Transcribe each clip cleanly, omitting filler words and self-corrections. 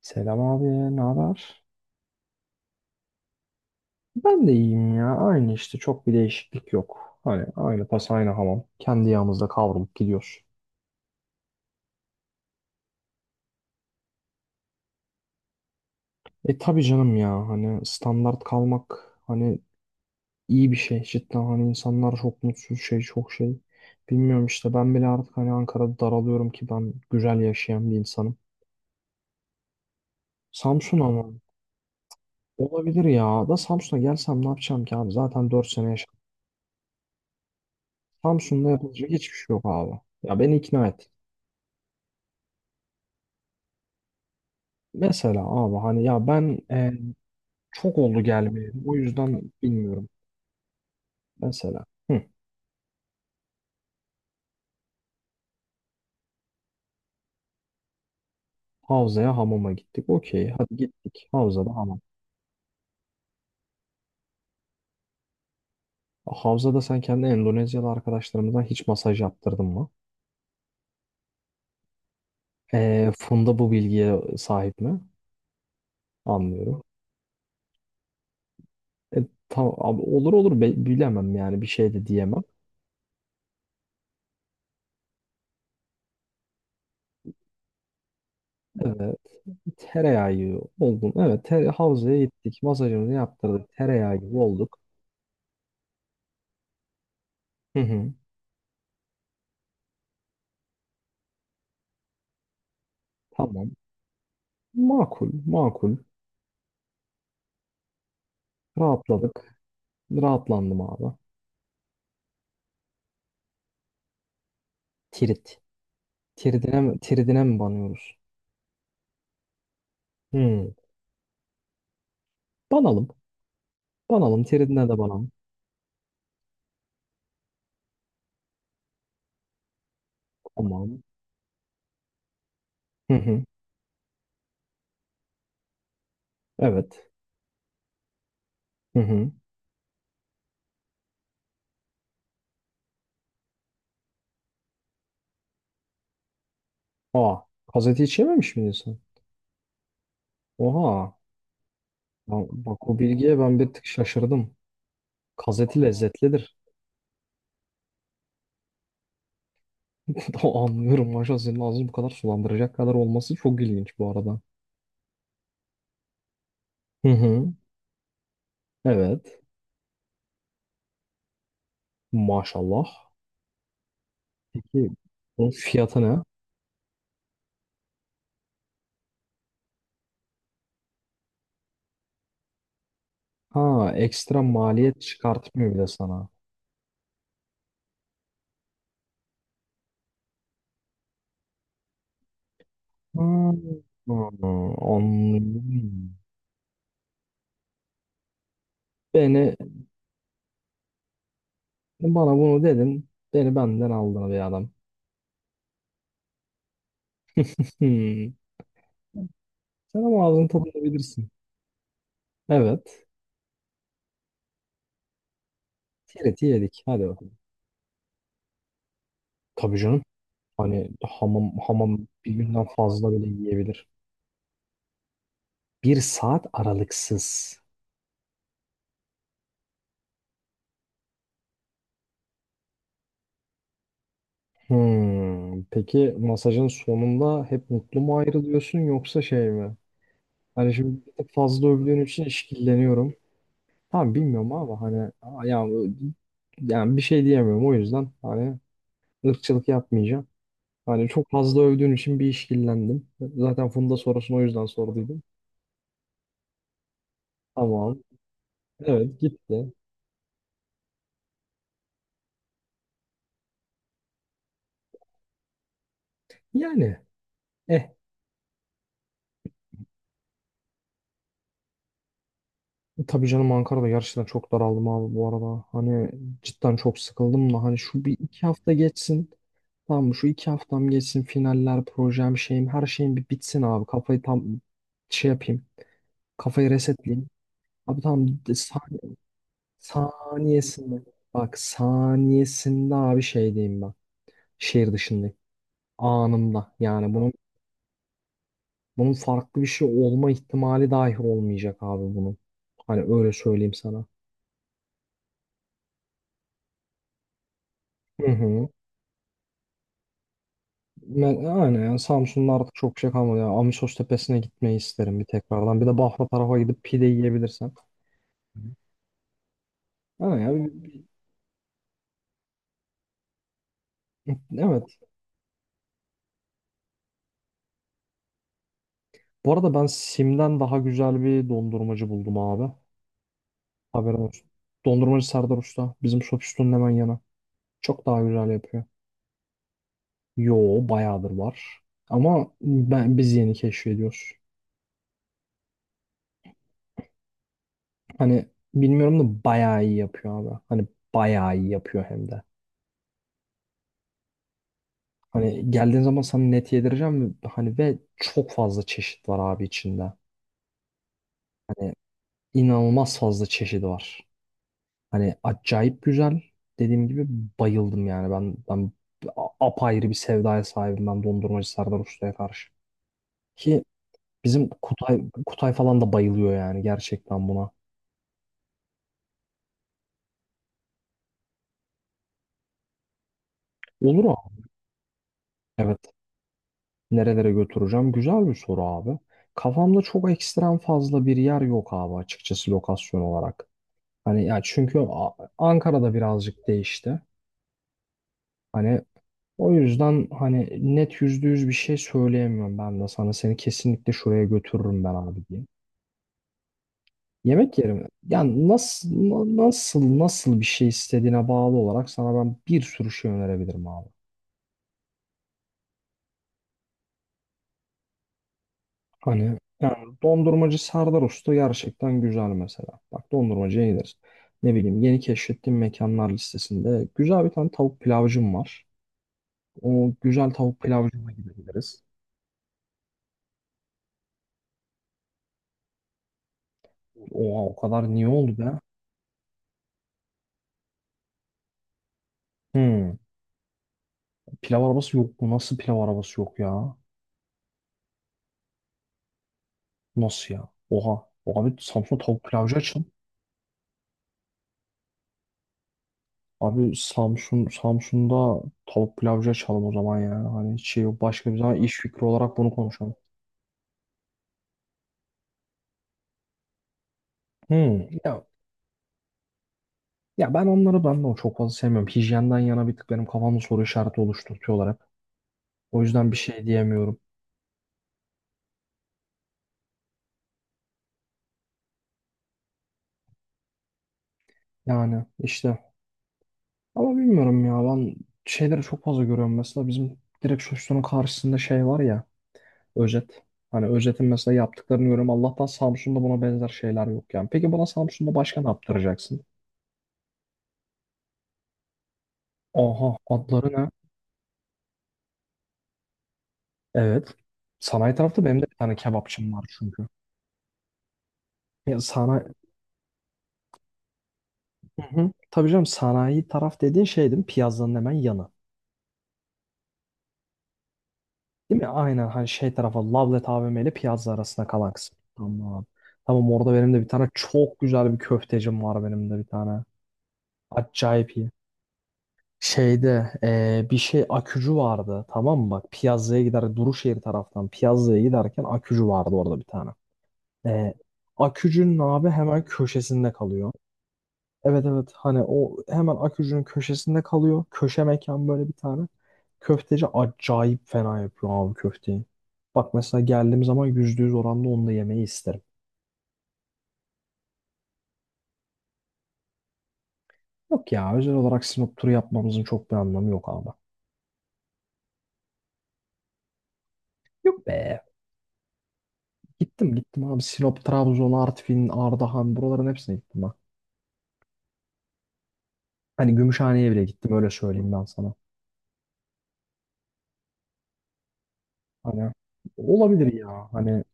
Selam abi, ne haber? Ben de iyiyim ya. Aynı işte çok bir değişiklik yok. Hani aynı tas aynı hamam. Kendi yağımızda kavrulup gidiyor. E tabii canım ya, hani standart kalmak, hani iyi bir şey cidden, hani insanlar çok mutsuz şey, çok şey. Bilmiyorum işte, ben bile artık hani Ankara'da daralıyorum ki ben güzel yaşayan bir insanım. Samsun ama olabilir, ya da Samsun'a gelsem ne yapacağım ki abi, zaten 4 sene yaşadım. Samsun'da yapılacak hiçbir şey yok abi. Ya beni ikna et. Mesela abi, hani ya ben çok oldu gelmeyeli. O yüzden bilmiyorum. Mesela havzaya hamama gittik. Okey, hadi gittik. Havzada hamam. Havzada sen kendi Endonezyalı arkadaşlarımızdan hiç masaj yaptırdın mı? E, Funda bu bilgiye sahip mi? Anlıyorum. E, tamam abi, olur olur, bilemem yani, bir şey de diyemem. Evet, tereyağı oldum. Evet, havzaya gittik. Masajımızı yaptırdık. Tereyağı gibi olduk. Hı hı. Tamam. Makul makul. Rahatladık. Rahatlandım abi. Tirit. Tiridine mi, tiridine mi banıyoruz? Hmm. Banalım. Banalım. Tiridine de banalım. Tamam. Hı hı. Evet. Hı hı. Aa. Gazete içememiş miydin sen? Oha. Bak, o bilgiye ben bir tık şaşırdım. Gazeti lezzetlidir. Anlıyorum. Maşallah, senin ağzını bu kadar sulandıracak kadar olması çok ilginç bu arada. Hı hı. Evet. Maşallah. Peki bunun fiyatı ne? Ha, ekstra maliyet çıkartmıyor bile sana. Hmm, hmm, anlıyorum. Beni, bana bunu dedin. Beni benden aldın bir adam. Hmm. Sen ama ağzını tadını bilirsin. Evet. Tireti yedik. Hadi bakalım. Tabii canım. Hani hamam, hamam bir günden fazla bile yiyebilir. Bir saat aralıksız. Hmm. Peki masajın sonunda hep mutlu mu ayrılıyorsun, yoksa şey mi? Hani şimdi bir tık fazla övdüğün için işkilleniyorum. Abi bilmiyorum ama hani yani, yani bir şey diyemiyorum, o yüzden hani ırkçılık yapmayacağım. Hani çok fazla övdüğün için bir işkillendim. Zaten Funda sorusunu o yüzden sorduydum. Tamam. Evet, gitti. Yani eh, tabii canım, Ankara'da gerçekten çok daraldım abi bu arada. Hani cidden çok sıkıldım da, hani şu bir iki hafta geçsin. Tamam mı? Şu 2 haftam geçsin. Finaller, projem, şeyim, her şeyim bir bitsin abi. Kafayı tam şey yapayım. Kafayı resetleyeyim. Abi tamam. Saniyesinde. Bak saniyesinde abi, şey diyeyim ben. Şehir dışındayım. Anında. Yani bunun farklı bir şey olma ihtimali dahi olmayacak abi bunun. Hani öyle söyleyeyim sana. Hı hı. Ben, aynen yani Samsun'da artık çok şey kalmadı. Yani Amisos Tepesi'ne gitmeyi isterim bir tekrardan. Bir de Bahra tarafa gidip pide yiyebilirsen. Ama ya, evet. Bu arada ben Sim'den daha güzel bir dondurmacı buldum abi. Haberin olsun. Dondurmacı Serdar Usta. Bizim Sofisto'nun hemen yanı. Çok daha güzel yapıyor. Yo, bayağıdır var. Ama biz yeni keşfediyoruz. Hani bilmiyorum da bayağı iyi yapıyor abi. Hani bayağı iyi yapıyor hem de. Hani geldiğin zaman sana net yedireceğim, ve hani ve çok fazla çeşit var abi içinde. Hani inanılmaz fazla çeşidi var. Hani acayip güzel. Dediğim gibi bayıldım yani. Ben apayrı bir sevdaya sahibim ben, dondurmacı Serdar Usta'ya karşı. Ki bizim Kutay falan da bayılıyor yani gerçekten buna. Olur. Evet. Nerelere götüreceğim? Güzel bir soru abi. Kafamda çok ekstrem fazla bir yer yok abi, açıkçası lokasyon olarak. Hani ya, çünkü Ankara'da birazcık değişti. Hani o yüzden hani net %100 bir şey söyleyemiyorum ben de sana. Seni kesinlikle şuraya götürürüm ben abi diye. Yemek yerim. Yani nasıl na- nasıl nasıl bir şey istediğine bağlı olarak sana ben bir sürü şey önerebilirim abi. Hani yani dondurmacı Serdar Usta gerçekten güzel mesela. Bak, dondurmacıya gideriz. Ne bileyim, yeni keşfettiğim mekanlar listesinde güzel bir tane tavuk pilavcım var. O güzel tavuk pilavcıma gideriz. Oha, o kadar niye oldu be? Hmm, pilav arabası yok mu? Nasıl pilav arabası yok ya? Nasıl ya? Oha. Abi Samsun'da tavuk pilavcı açın. Abi Samsun'da tavuk pilavcı açalım o zaman ya. Hani hiç şey yok. Başka bir zaman iş fikri olarak bunu konuşalım. Hmm. Ya Ya ben onları, ben de o çok fazla sevmiyorum. Hijyenden yana bir tık benim kafamda soru işareti oluşturtuyorlar hep. O yüzden bir şey diyemiyorum. Yani işte ama bilmiyorum ya, ben şeyleri çok fazla görüyorum. Mesela bizim direkt sosyetenin karşısında şey var ya, Özet. Hani Özet'in mesela yaptıklarını görüyorum. Allah'tan Samsun'da buna benzer şeyler yok yani. Peki bana Samsun'da başka ne yaptıracaksın? Oha. Adları ne? Evet. Sanayi tarafta benim de bir tane kebapçım var çünkü. Ya sanayi... Hı hı. Tabii canım, sanayi taraf dediğin şey değil mi? Piyazların hemen yanı. Değil mi? Aynen, hani şey tarafa, Lavlet AVM ile Piyazza arasında kalan kısım. Tamam. Tamam, orada benim de bir tane çok güzel bir köftecim var benim de bir tane. Acayip iyi. Şeyde bir şey akücü vardı, tamam mı? Bak, Piyazza'ya gider, Duruşehir taraftan Piyazza'ya giderken akücü vardı orada bir tane. Eee akücünün abi hemen köşesinde kalıyor. Evet evet, hani o hemen Akücü'nün köşesinde kalıyor. Köşe mekan, böyle bir tane. Köfteci acayip fena yapıyor abi köfteyi. Bak mesela, geldiğim zaman %100 oranda onu da yemeyi isterim. Yok ya, özel olarak Sinop turu yapmamızın çok bir anlamı yok abi. Yok be. Gittim gittim abi, Sinop, Trabzon, Artvin, Ardahan, buraların hepsine gittim ben. Hani Gümüşhane'ye bile gittim, öyle söyleyeyim ben sana. Hani olabilir ya hani,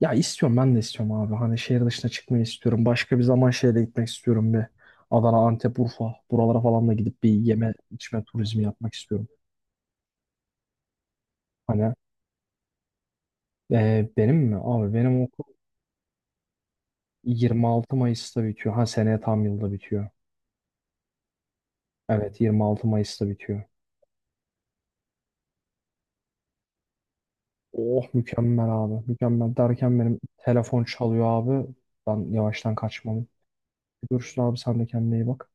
ya istiyorum, ben de istiyorum abi. Hani şehir dışına çıkmayı istiyorum. Başka bir zaman şehre gitmek istiyorum bir. Adana, Antep, Urfa. Buralara falan da gidip bir yeme içme turizmi yapmak istiyorum. Hani benim mi? Abi benim okul 26 Mayıs'ta bitiyor. Ha, seneye tam yılda bitiyor. Evet, 26 Mayıs'ta bitiyor. Oh, mükemmel abi. Mükemmel derken benim telefon çalıyor abi. Ben yavaştan kaçmalıyım. Görüşürüz abi, sen de kendine iyi bak.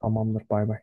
Tamamdır, bay bay.